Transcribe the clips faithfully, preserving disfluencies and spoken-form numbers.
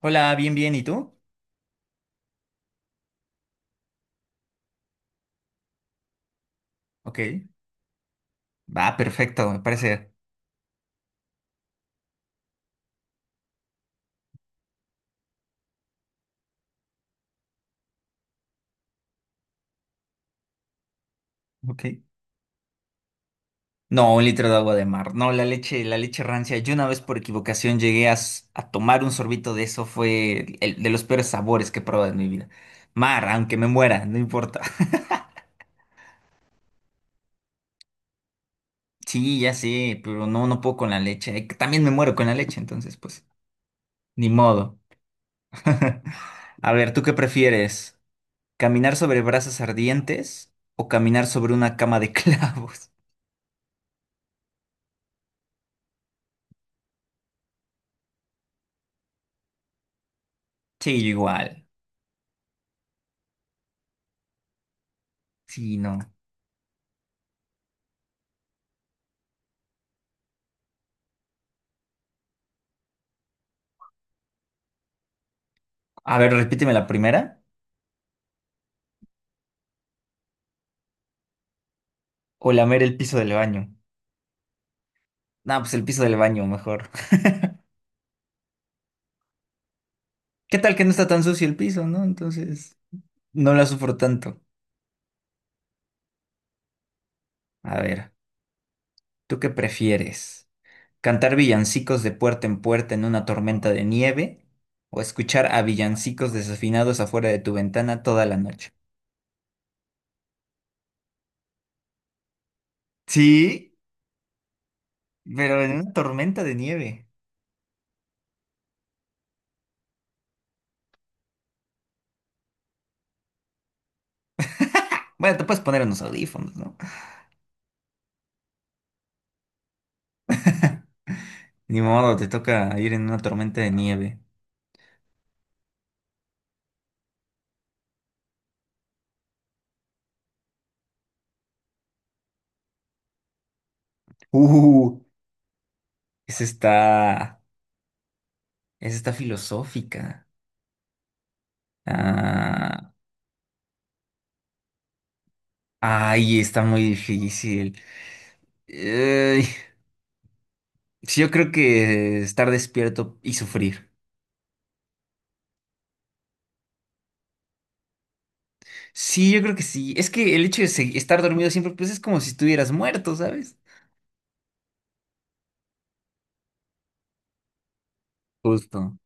Hola, bien, bien, ¿y tú? Ok. Va, perfecto, me parece. Ok. No, un litro de agua de mar. No, la leche, la leche rancia. Yo una vez por equivocación llegué a, s- a tomar un sorbito de eso. Fue el, de los peores sabores que he probado en mi vida. Mar, aunque me muera, no importa. Sí, ya sé, pero no, no puedo con la leche. Eh, También me muero con la leche, entonces, pues, ni modo. A ver, ¿tú qué prefieres? ¿Caminar sobre brasas ardientes o caminar sobre una cama de clavos? Sí, yo igual. Sí, no. A ver, repíteme la primera. O lamer el piso del baño. No, pues el piso del baño, mejor. ¿Qué tal que no está tan sucio el piso, no? Entonces, no la sufro tanto. A ver, ¿tú qué prefieres? ¿Cantar villancicos de puerta en puerta en una tormenta de nieve? ¿O escuchar a villancicos desafinados afuera de tu ventana toda la noche? Sí, pero en una tormenta de nieve. Bueno, te puedes poner unos audífonos, ¿no? Ni modo, te toca ir en una tormenta de nieve. Uh, ese está. Esa está filosófica. Ah, ay, está muy difícil. Ey, sí, yo creo que estar despierto y sufrir. Sí, yo creo que sí. Es que el hecho de segui- estar dormido siempre, pues es como si estuvieras muerto, ¿sabes? Justo.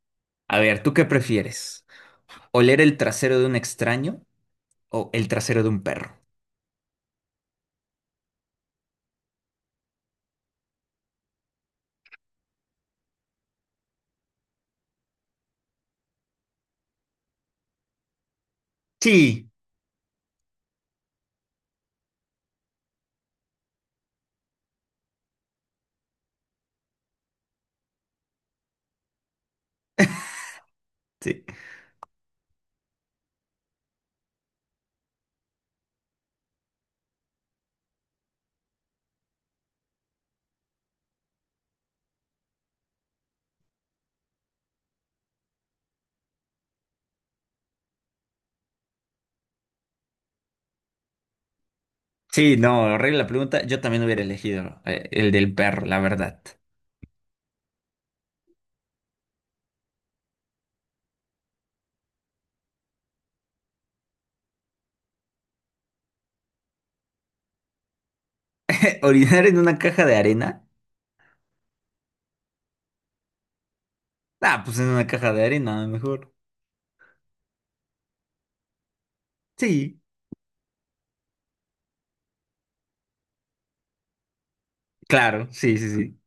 A ver, ¿tú qué prefieres? ¿Oler el trasero de un extraño o el trasero de un perro? Sí, sí. Sí, no, arregla la pregunta. Yo también hubiera elegido eh, el del perro, la verdad. ¿Orinar en una caja de arena? Ah, pues en una caja de arena, mejor. Sí, claro, sí, sí, sí.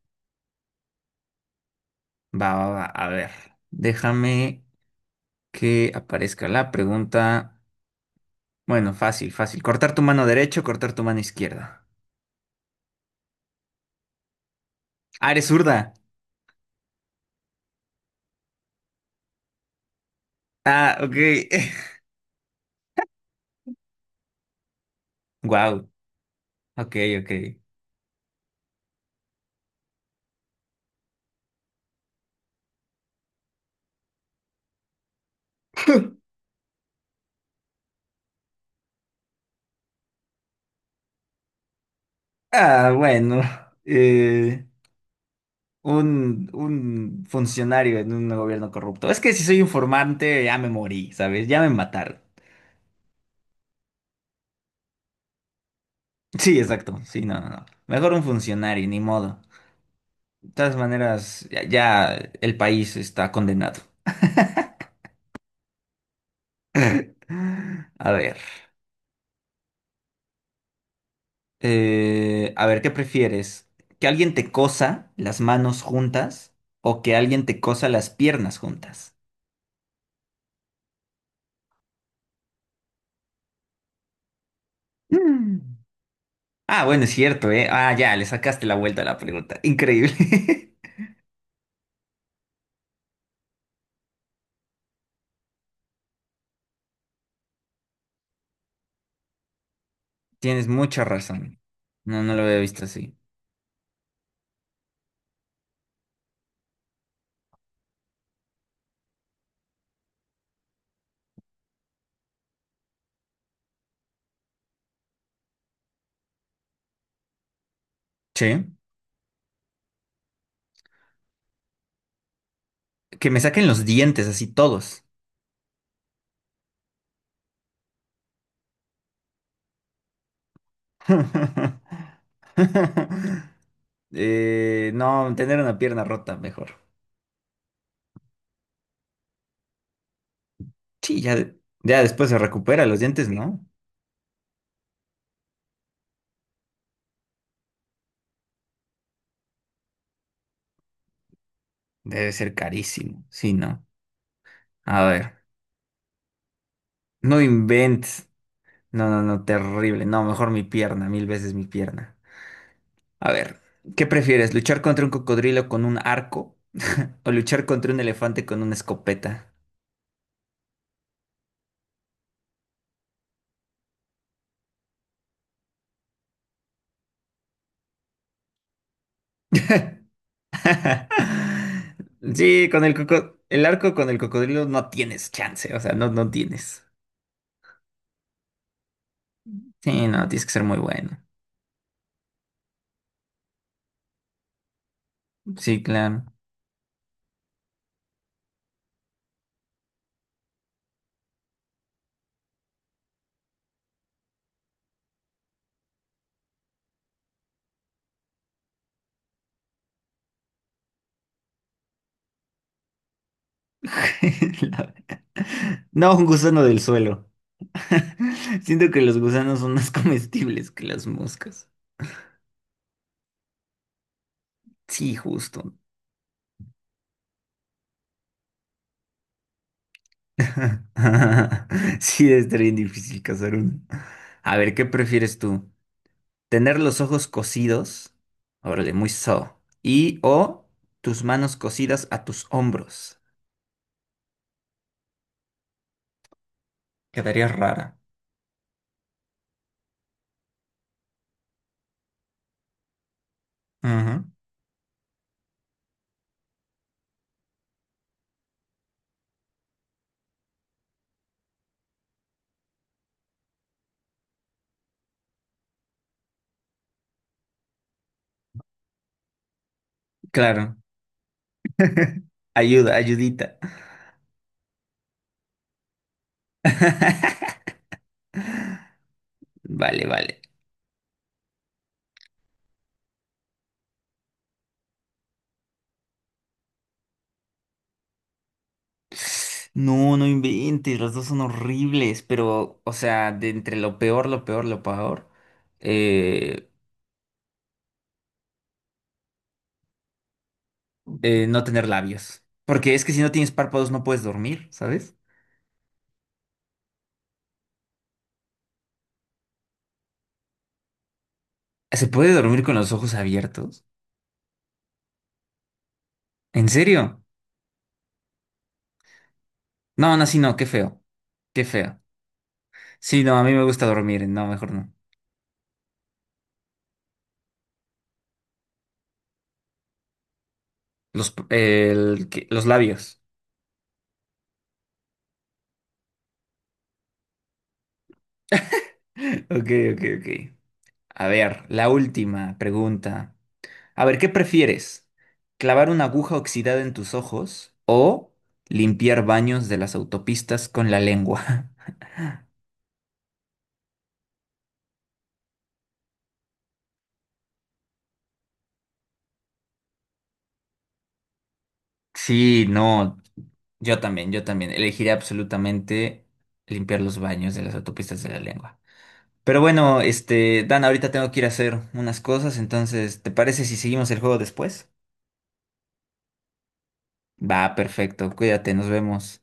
Va, va, va. A ver, déjame que aparezca la pregunta. Bueno, fácil, fácil. Cortar tu mano derecha o cortar tu mano izquierda. Ah, eres zurda. Ah, ok. Wow. Ok, ok. Ah, bueno. eh, un, un funcionario en un gobierno corrupto. Es que si soy informante, ya me morí, ¿sabes? Ya me mataron. Sí, exacto. Sí, no, no, no. Mejor un funcionario, ni modo. De todas maneras, ya, ya el país está condenado. A ver, eh, a ver, ¿qué prefieres? ¿Que alguien te cosa las manos juntas o que alguien te cosa las piernas juntas? Mm. Ah, bueno, es cierto, ¿eh? Ah, ya, le sacaste la vuelta a la pregunta. Increíble. Tienes mucha razón. No, no lo había visto así. Sí. Que me saquen los dientes así todos. Eh, no, tener una pierna rota, mejor. Sí, ya, de- ya después se recupera los dientes, ¿no? Debe ser carísimo. Sí, ¿no? A ver. No inventes. No, no, no, terrible. No, mejor mi pierna, mil veces mi pierna. A ver, ¿qué prefieres? ¿Luchar contra un cocodrilo con un arco o luchar contra un elefante con una escopeta? Sí, con el coco- el arco con el cocodrilo no tienes chance, o sea, no, no tienes. Sí, no, tienes que ser muy bueno. Sí, claro. No, un gusano del suelo. Siento que los gusanos son más comestibles que las moscas. Sí, justo. Sí, debe estar bien difícil cazar uno. A ver, ¿qué prefieres tú? ¿Tener los ojos cosidos? Órale, muy so. Y o tus manos cosidas a tus hombros. Quedaría rara. Ajá. Claro. Ayuda, ayudita. Vale, vale. No, no inventes, los dos son horribles, pero, o sea, de entre lo peor, lo peor, lo peor, eh, eh, no tener labios. Porque es que si no tienes párpados no puedes dormir, ¿sabes? ¿Se puede dormir con los ojos abiertos? ¿En serio? No, no, sí, no, qué feo, qué feo. Sí, no, a mí me gusta dormir, no, mejor no. Los, p- el que- los labios. Ok, ok, ok. A ver, la última pregunta. A ver, ¿qué prefieres? ¿Clavar una aguja oxidada en tus ojos o limpiar baños de las autopistas con la lengua? Sí, no, yo también, yo también. Elegiría absolutamente limpiar los baños de las autopistas de la lengua. Pero bueno, este, Dan, ahorita tengo que ir a hacer unas cosas, entonces, ¿te parece si seguimos el juego después? Va, perfecto, cuídate, nos vemos.